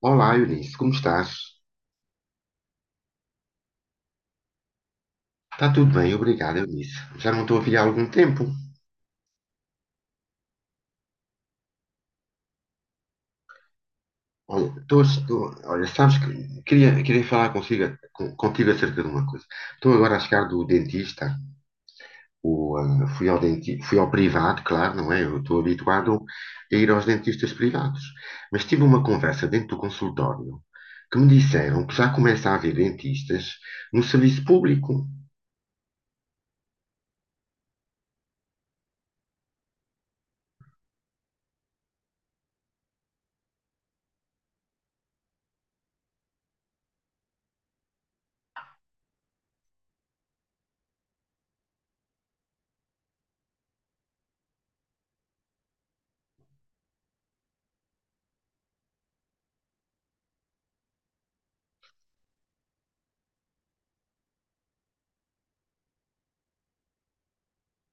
Olá, Eunice, como estás? Está tudo bem, obrigado, Eunice. Já não estou a ver há algum tempo. Olha, sabes que queria falar consigo, contigo acerca de uma coisa. Estou agora a chegar do dentista. O, ah, fui ao denti, Fui ao privado, claro, não é? Eu estou habituado a ir aos dentistas privados. Mas tive uma conversa dentro do consultório, que me disseram que já começa a haver dentistas no serviço público.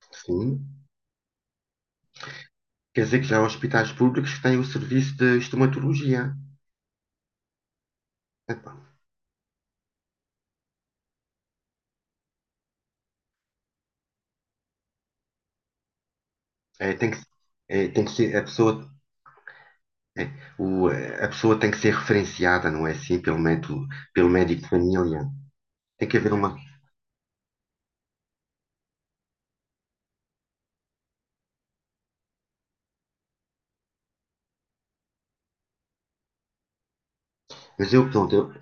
Sim, quer dizer que já há hospitais públicos que têm o serviço de estomatologia. Epá, é, é, tem que ser, é, a pessoa tem que ser referenciada, não é, assim, pelo médico de família. Tem que haver uma. Mas eu, pronto,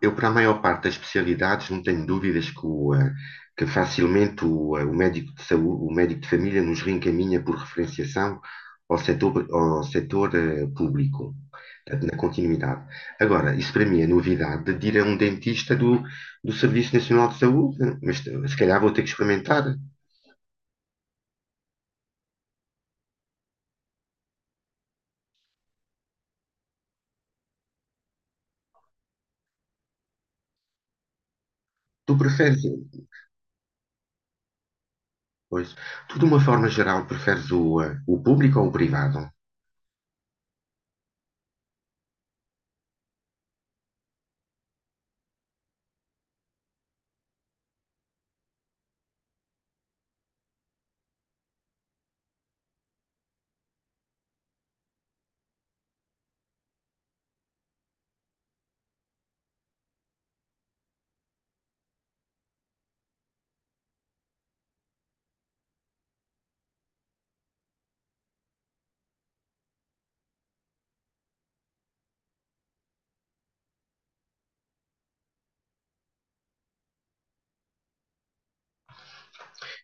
eu para a maior parte das especialidades não tenho dúvidas que facilmente o médico de família nos reencaminha por referenciação ao setor, ao setor público, portanto, na continuidade. Agora, isso para mim é novidade, de ir a um dentista do Serviço Nacional de Saúde, mas se calhar vou ter que experimentar. Tu preferes, pois, tu de uma forma geral preferes o público ou o privado?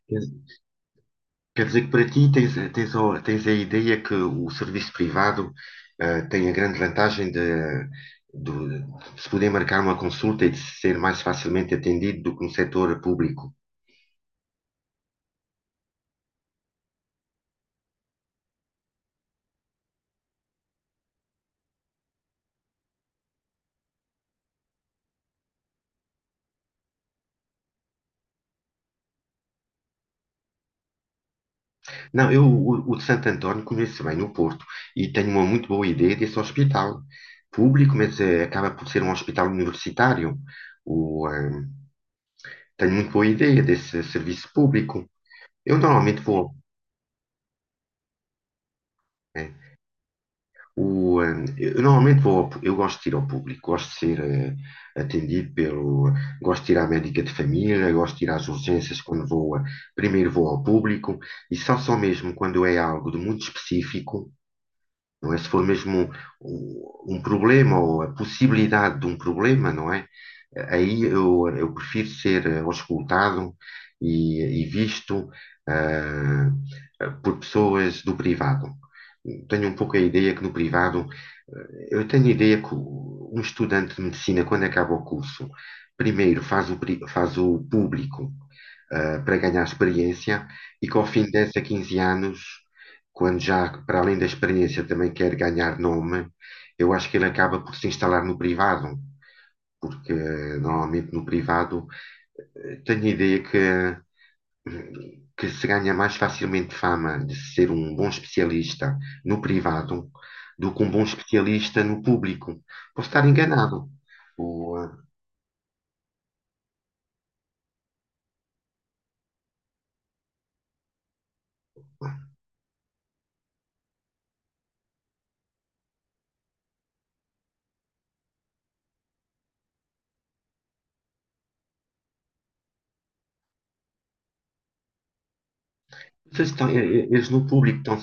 Quer Quer dizer que para ti tens, tens a ideia que o serviço privado, tem a grande vantagem de- de se poder marcar uma consulta e de ser mais facilmente atendido do que no setor público. Não, o de Santo António conheço bem no Porto e tenho uma muito boa ideia desse hospital público, mas acaba por ser um hospital universitário. O, eh, Tem muito boa ideia desse serviço público. Eu normalmente vou. eh, eu normalmente vou, eu gosto de ir ao público, gosto de ser, atendido pelo, gosto de ir à médica de família, gosto de ir às urgências quando vou, primeiro vou ao público, e só, só mesmo quando é algo de muito específico. Não é? Se for mesmo um problema ou a possibilidade de um problema, não é? Aí eu prefiro ser, auscultado e visto, ah, por pessoas do privado. Tenho um pouco a ideia que no privado, eu tenho a ideia que um estudante de medicina, quando acaba o curso, primeiro faz faz o público, para ganhar experiência, e que ao fim de 10 a 15 anos, quando já, para além da experiência, também quer ganhar nome, eu acho que ele acaba por se instalar no privado, porque, normalmente no privado, tenho a ideia que se ganha mais facilmente fama de ser um bom especialista no privado do que um bom especialista no público. Posso estar enganado. O, eh, Vocês estão, eles no público estão,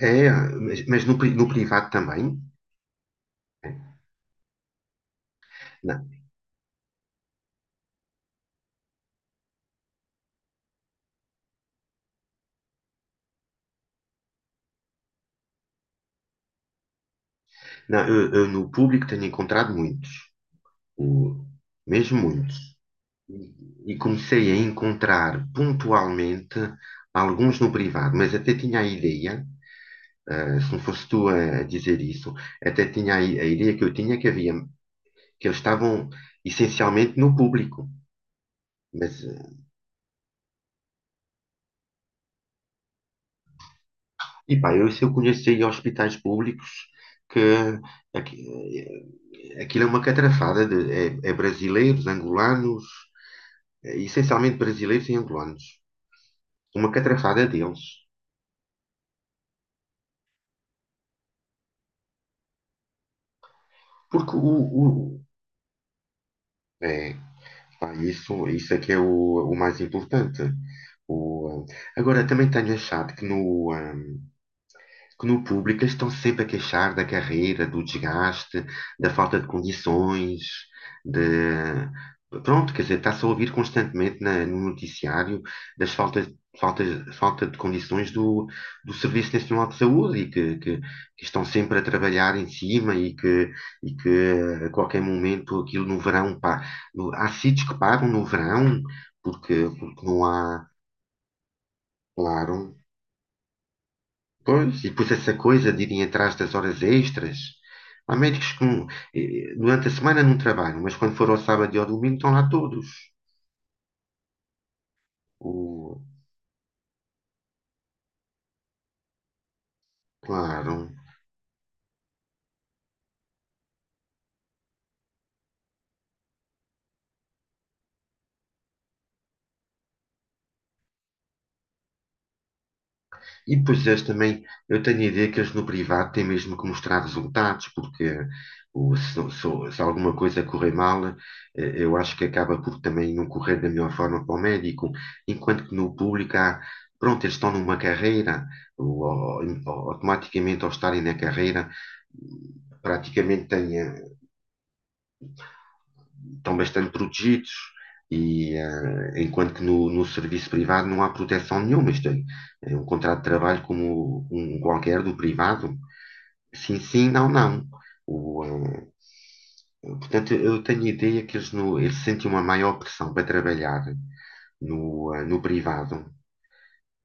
é, mas, no privado também, né? Não, eu no público tenho encontrado muitos, o- mesmo muitos. E comecei a encontrar pontualmente alguns no privado, mas até tinha a ideia, ah, se não fosse tu a dizer isso, até tinha a ideia que eu tinha, que havia, que eles estavam essencialmente no público. Mas, eh, e pá, eu, se eu conheço aí hospitais públicos que aqui- aquilo é uma catrafada de, é, é brasileiros, angolanos. Eh, essencialmente brasileiros e angolanos. Uma catrafada deles. Porque o, o- é, pá, isso é que é o mais importante. O, eh, Agora, também tenho achado que no público eles estão sempre a queixar da carreira, do desgaste, da falta de condições, de... Pronto, quer dizer, está-se a ouvir constantemente no noticiário das faltas, falta de condições do Serviço Nacional de Saúde, e que, que estão sempre a trabalhar em cima, e que, e que, a qualquer momento aquilo no verão, pá, há sítios que pagam no verão porque, porque não há, claro. Pois, e depois essa coisa de irem atrás das horas extras. Há médicos que, durante a semana não trabalham, mas quando for ao sábado e ao domingo estão lá todos. O, Claro. E depois eles também, eu tenho a ideia que eles no privado têm mesmo que mostrar resultados, porque, se, se alguma coisa correr mal, eu acho que acaba por também não correr da melhor forma para o médico, enquanto que no público há, pronto, eles estão numa carreira, ou- ou automaticamente ao estarem na carreira, praticamente estão bastante protegidos, e, enquanto que no serviço privado não há proteção nenhuma. Isto é, é um contrato de trabalho como um qualquer do privado. Sim, sim, não, não. O, eh, Portanto, eu tenho a ideia que eles, no, eles sentem uma maior pressão para trabalhar no, no privado,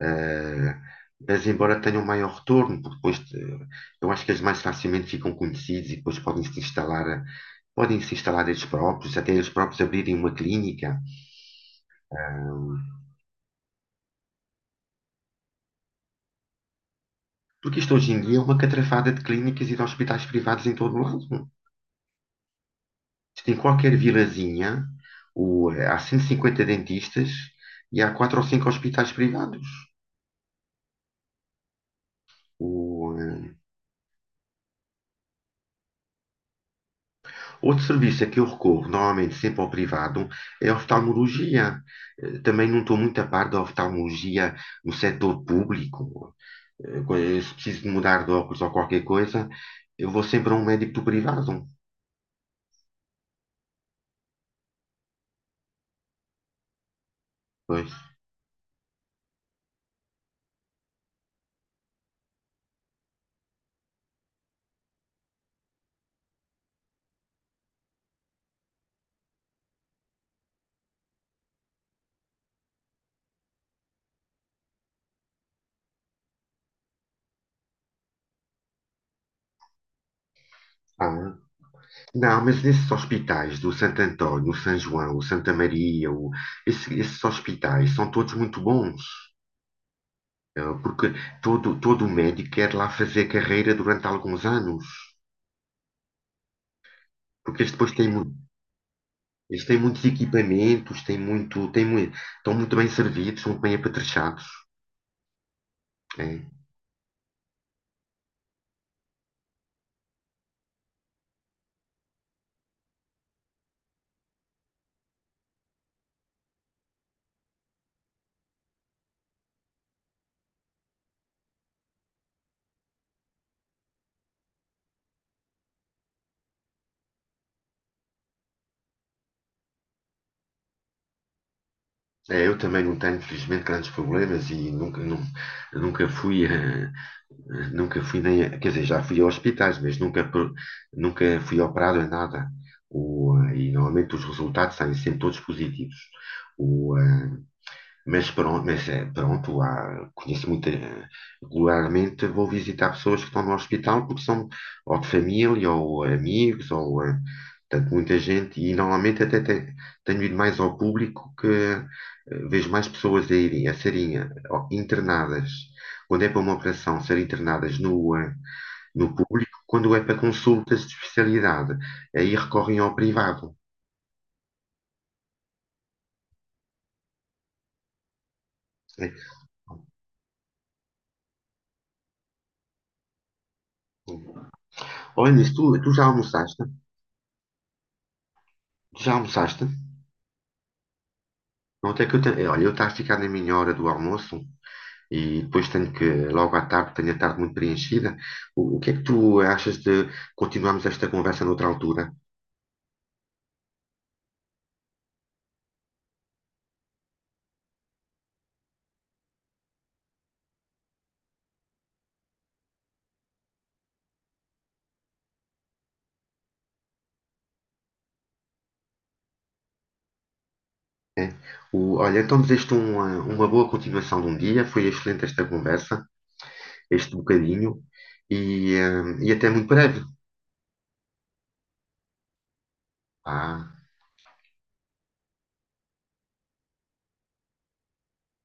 ah, mas embora tenham um maior retorno, porque depois, eu acho que eles mais facilmente ficam conhecidos e depois podem se instalar, podem se instalar eles próprios, até eles próprios abrirem uma clínica. Ah, porque isto hoje em dia é uma catrafada de clínicas e de hospitais privados em todo o lado. Isto, em qualquer vilazinha, há 150 dentistas e há quatro ou cinco hospitais privados. O, eh, Outro serviço a que eu recorro normalmente, sempre ao privado, é a oftalmologia. Eh, também não estou muito a par da oftalmologia no setor público. Se preciso de mudar de óculos ou qualquer coisa, eu vou sempre a um médico do privado. Pois. Ah, não, mas nesses hospitais do Santo António, o São João, o Santa Maria, esses hospitais são todos muito bons, eh, porque todo, todo médico quer lá fazer carreira durante alguns anos, porque eles depois têm, eles têm muitos equipamentos, têm muito, estão muito bem servidos, são muito bem apetrechados. É, é, eu também não tenho, infelizmente, grandes problemas, e nunca, nunca fui, nunca fui nem, quer dizer, já fui a hospitais, mas nunca, nunca fui operado em nada. E normalmente os resultados saem sempre todos positivos. O, eh, mas pronto, mas, eh, pronto, conheço muito, eh, regularmente vou visitar pessoas que estão no hospital porque são ou de família ou amigos, ou, eh, portanto, muita gente, e normalmente até tenho ido mais ao público, que, vejo mais pessoas a irem, a serem, internadas, quando é para uma operação, serem internadas no público, quando é para consultas de especialidade, aí recorrem ao privado, né? Olha, nisso, tu já almoçaste? Tu já almoçaste? Não, até que eu tenho, olha, eu estou a ficar na minha hora do almoço, e depois tenho que, logo à tarde, tenho a tarde muito preenchida. O que é que tu achas de continuarmos esta conversa noutra altura? É. O- olha, então desejo-te uma boa continuação de um dia. Foi excelente esta conversa, este bocadinho, e, eh, e até muito breve. Vá.